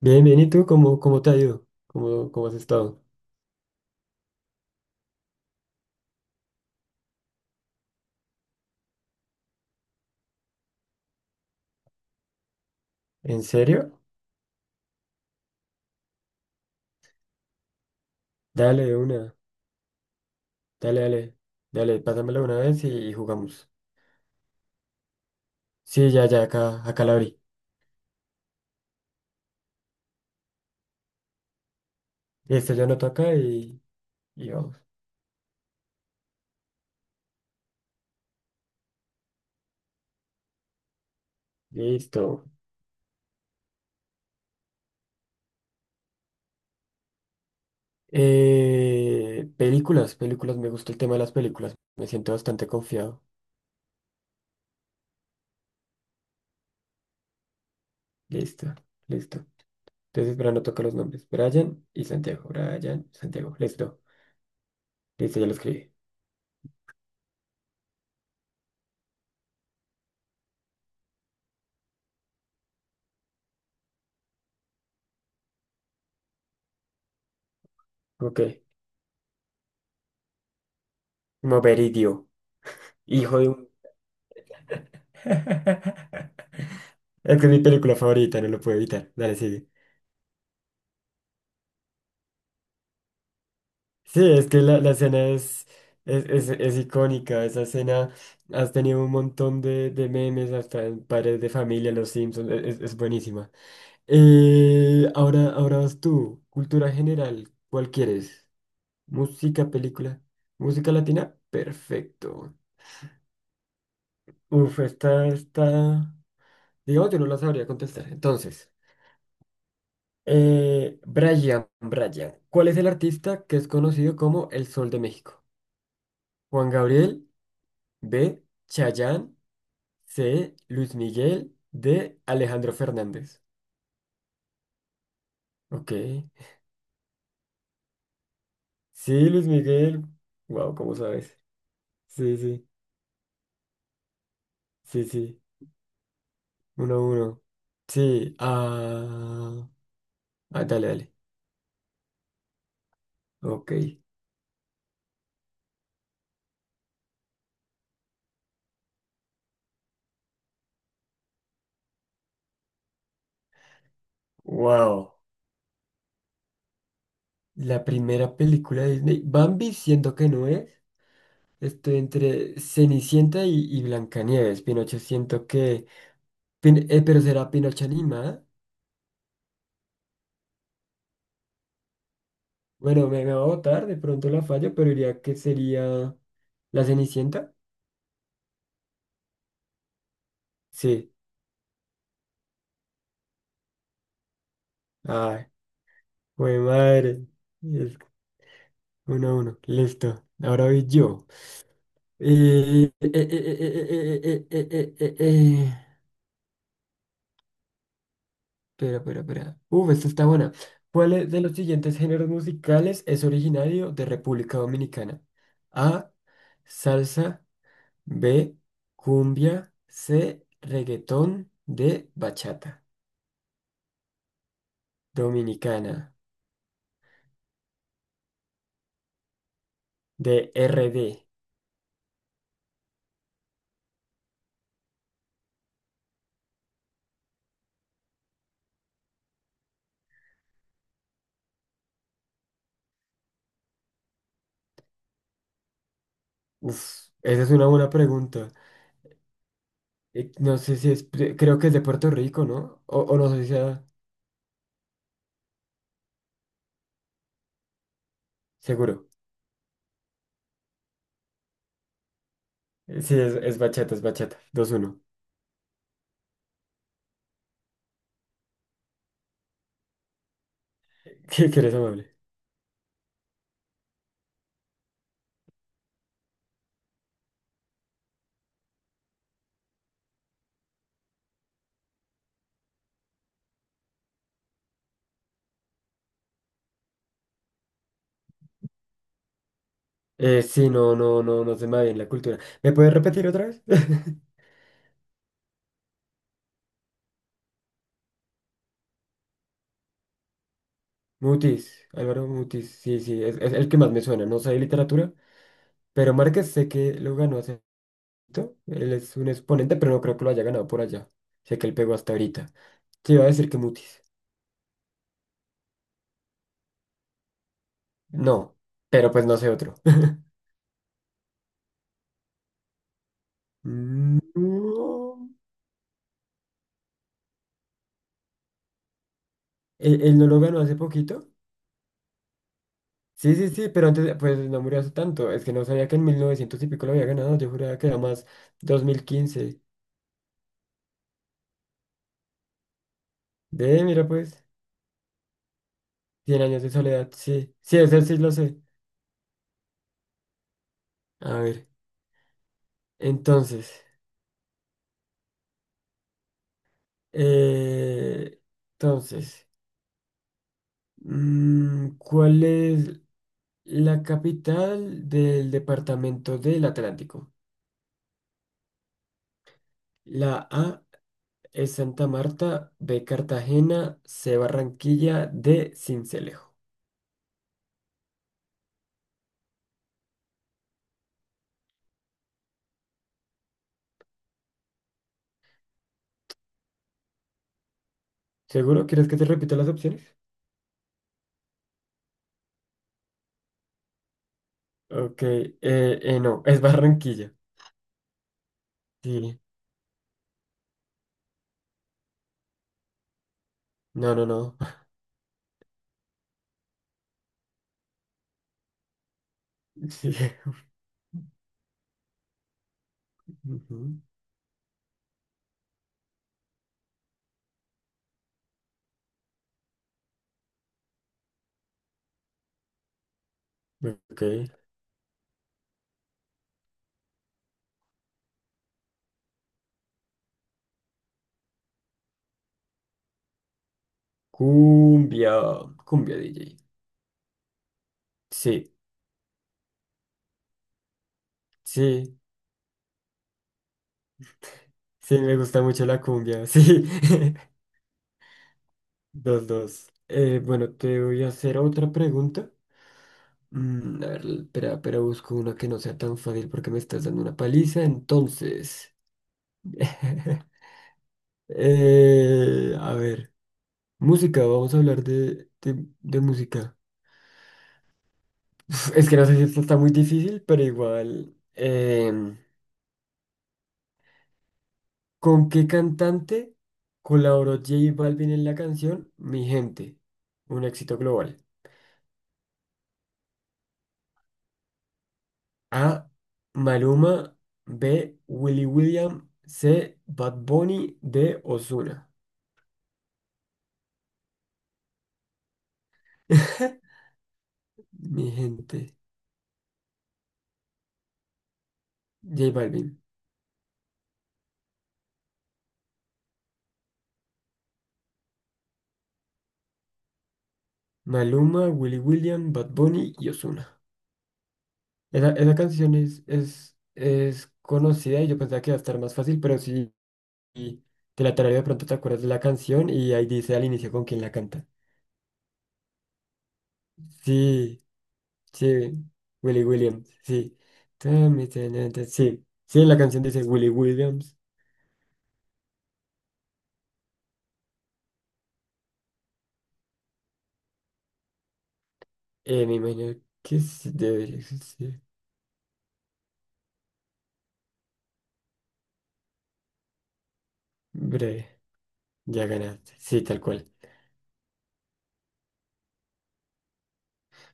Bien, bien, ¿y tú cómo te ha ido? ¿Cómo has estado? ¿En serio? Dale de una, dale, dale, dale, pásamela una vez y jugamos. Sí, ya, acá la abrí. Listo, yo anoto acá y vamos. Listo. Películas, me gusta el tema de las películas. Me siento bastante confiado. Listo, listo. Entonces, para no tocar los nombres. Brian y Santiago. Brian, Santiago. Listo. Listo, ya lo escribí. Ok. Moberidio. Hijo de un… Es que es mi película favorita, no lo puedo evitar. Dale, sigue. Sí, es que la escena es icónica. Esa escena has tenido un montón de memes, hasta en Padres de Familia, Los Simpsons. Es buenísima. Ahora vas tú. Cultura general, ¿cuál quieres? Música, película. Música latina, perfecto. Uf, esta. Digamos, yo no la sabría contestar. Entonces. Brian, ¿cuál es el artista que es conocido como el Sol de México? Juan Gabriel, B, Chayanne, C, Luis Miguel, D, Alejandro Fernández. Ok. Sí, Luis Miguel. Wow, ¿cómo sabes? Sí, sí, sí, sí. Uno a uno. Sí, ah, ah, dale, dale. Ok. Wow. La primera película de Disney. Bambi, siento que no es. Estoy entre Cenicienta y Blancanieves. Pinocho siento que… pero será Pinocho animada. Bueno, me va a votar, de pronto la fallo, pero diría que sería la Cenicienta. Sí. Ay, güey, madre. Es uno a uno. Listo. Ahora voy yo. Eh. Eh. Espera. Uf, esta está buena. ¿Cuál es de los siguientes géneros musicales es originario de República Dominicana? A. Salsa. B, cumbia. C, reggaetón. D, bachata. Dominicana. D, R D. Uf, esa es una buena pregunta. No sé si es, creo que es de Puerto Rico, ¿no? O no sé si sea seguro. Sí, es bachata, es bachata. Dos uno. ¿Qué quieres, amable? Sí, no, se me va bien la cultura. ¿Me puedes repetir otra vez? Mutis, Álvaro Mutis, sí, sí, es el que más me suena. No sé de literatura, pero Márquez sé que lo ganó hace… Él es un exponente, pero no creo que lo haya ganado por allá. Sé que él pegó hasta ahorita. Te iba a decir que Mutis. No, pero pues no sé otro. No. ¿Él no lo ganó hace poquito? Sí, sí, sí, pero antes, pues no murió hace tanto. Es que no sabía que en 1900 y pico lo había ganado. Yo juraba que era más 2015. Ve, mira pues, cien años de soledad. Sí, sí, ese sí lo sé. A ver, entonces, eh, entonces, ¿cuál es? La capital del departamento del Atlántico. La A es Santa Marta, B Cartagena, C Barranquilla, D Cincelejo. ¿Seguro? ¿Quieres que te repita las opciones? Ok, no, es Barranquilla. Sí, no, no, no. Sí. Ujú. Ok. Cumbia, cumbia DJ. Sí, sí, sí, me gusta mucho la cumbia, sí. Dos, dos. Bueno, te voy a hacer otra pregunta. Mm, a ver, espera, busco una que no sea tan fácil porque me estás dando una paliza. Entonces, a ver, música, vamos a hablar de música. Uf, es que no sé si esto está muy difícil, pero igual. ¿Con qué cantante colaboró J Balvin en la canción Mi Gente? Un éxito global. A. Maluma. B. Willy William. C. Bad Bunny. D. Ozuna. Mi gente, J Balvin, Maluma, Willy William, Bad Bunny y Ozuna. Esa canción es conocida y yo pensaba que iba a estar más fácil, pero sí. Y te la tarareo, de pronto te acuerdas de la canción y ahí dice al inicio con quién la canta. Sí, sí, Willy Williams, sí. Tami, tana, ta- Sí, sí, en la canción dice Willy Williams. Me imagino que sí debería existir. Breve, ya ganaste. Sí, tal cual.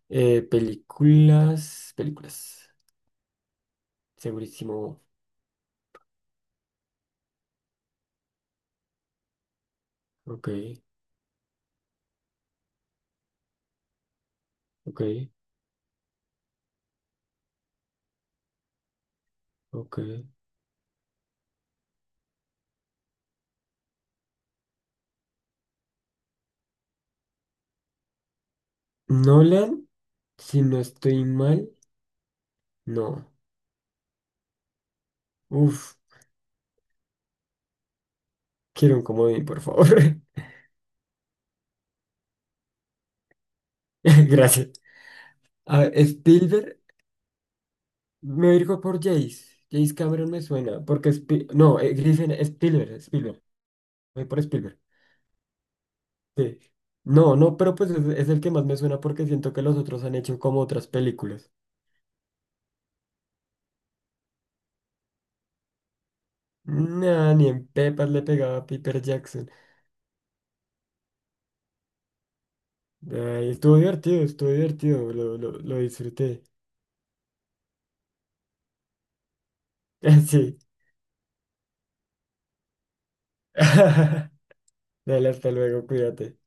Películas. Segurísimo. Ok, ok, ok. Nolan, si no estoy mal, no. Uf, quiero un comodín, por favor. Gracias. A ver, Spielberg, me voy a ir por Jace. Jace Cameron me suena, porque no, Griffin, Spielberg. Voy por Spielberg. Sí. No, no, pero pues es el que más me suena porque siento que los otros han hecho como otras películas. Nah, ni en Pepas le pegaba a Piper Jackson. Ay, estuvo divertido, lo disfruté. Sí. Dale, hasta luego, cuídate.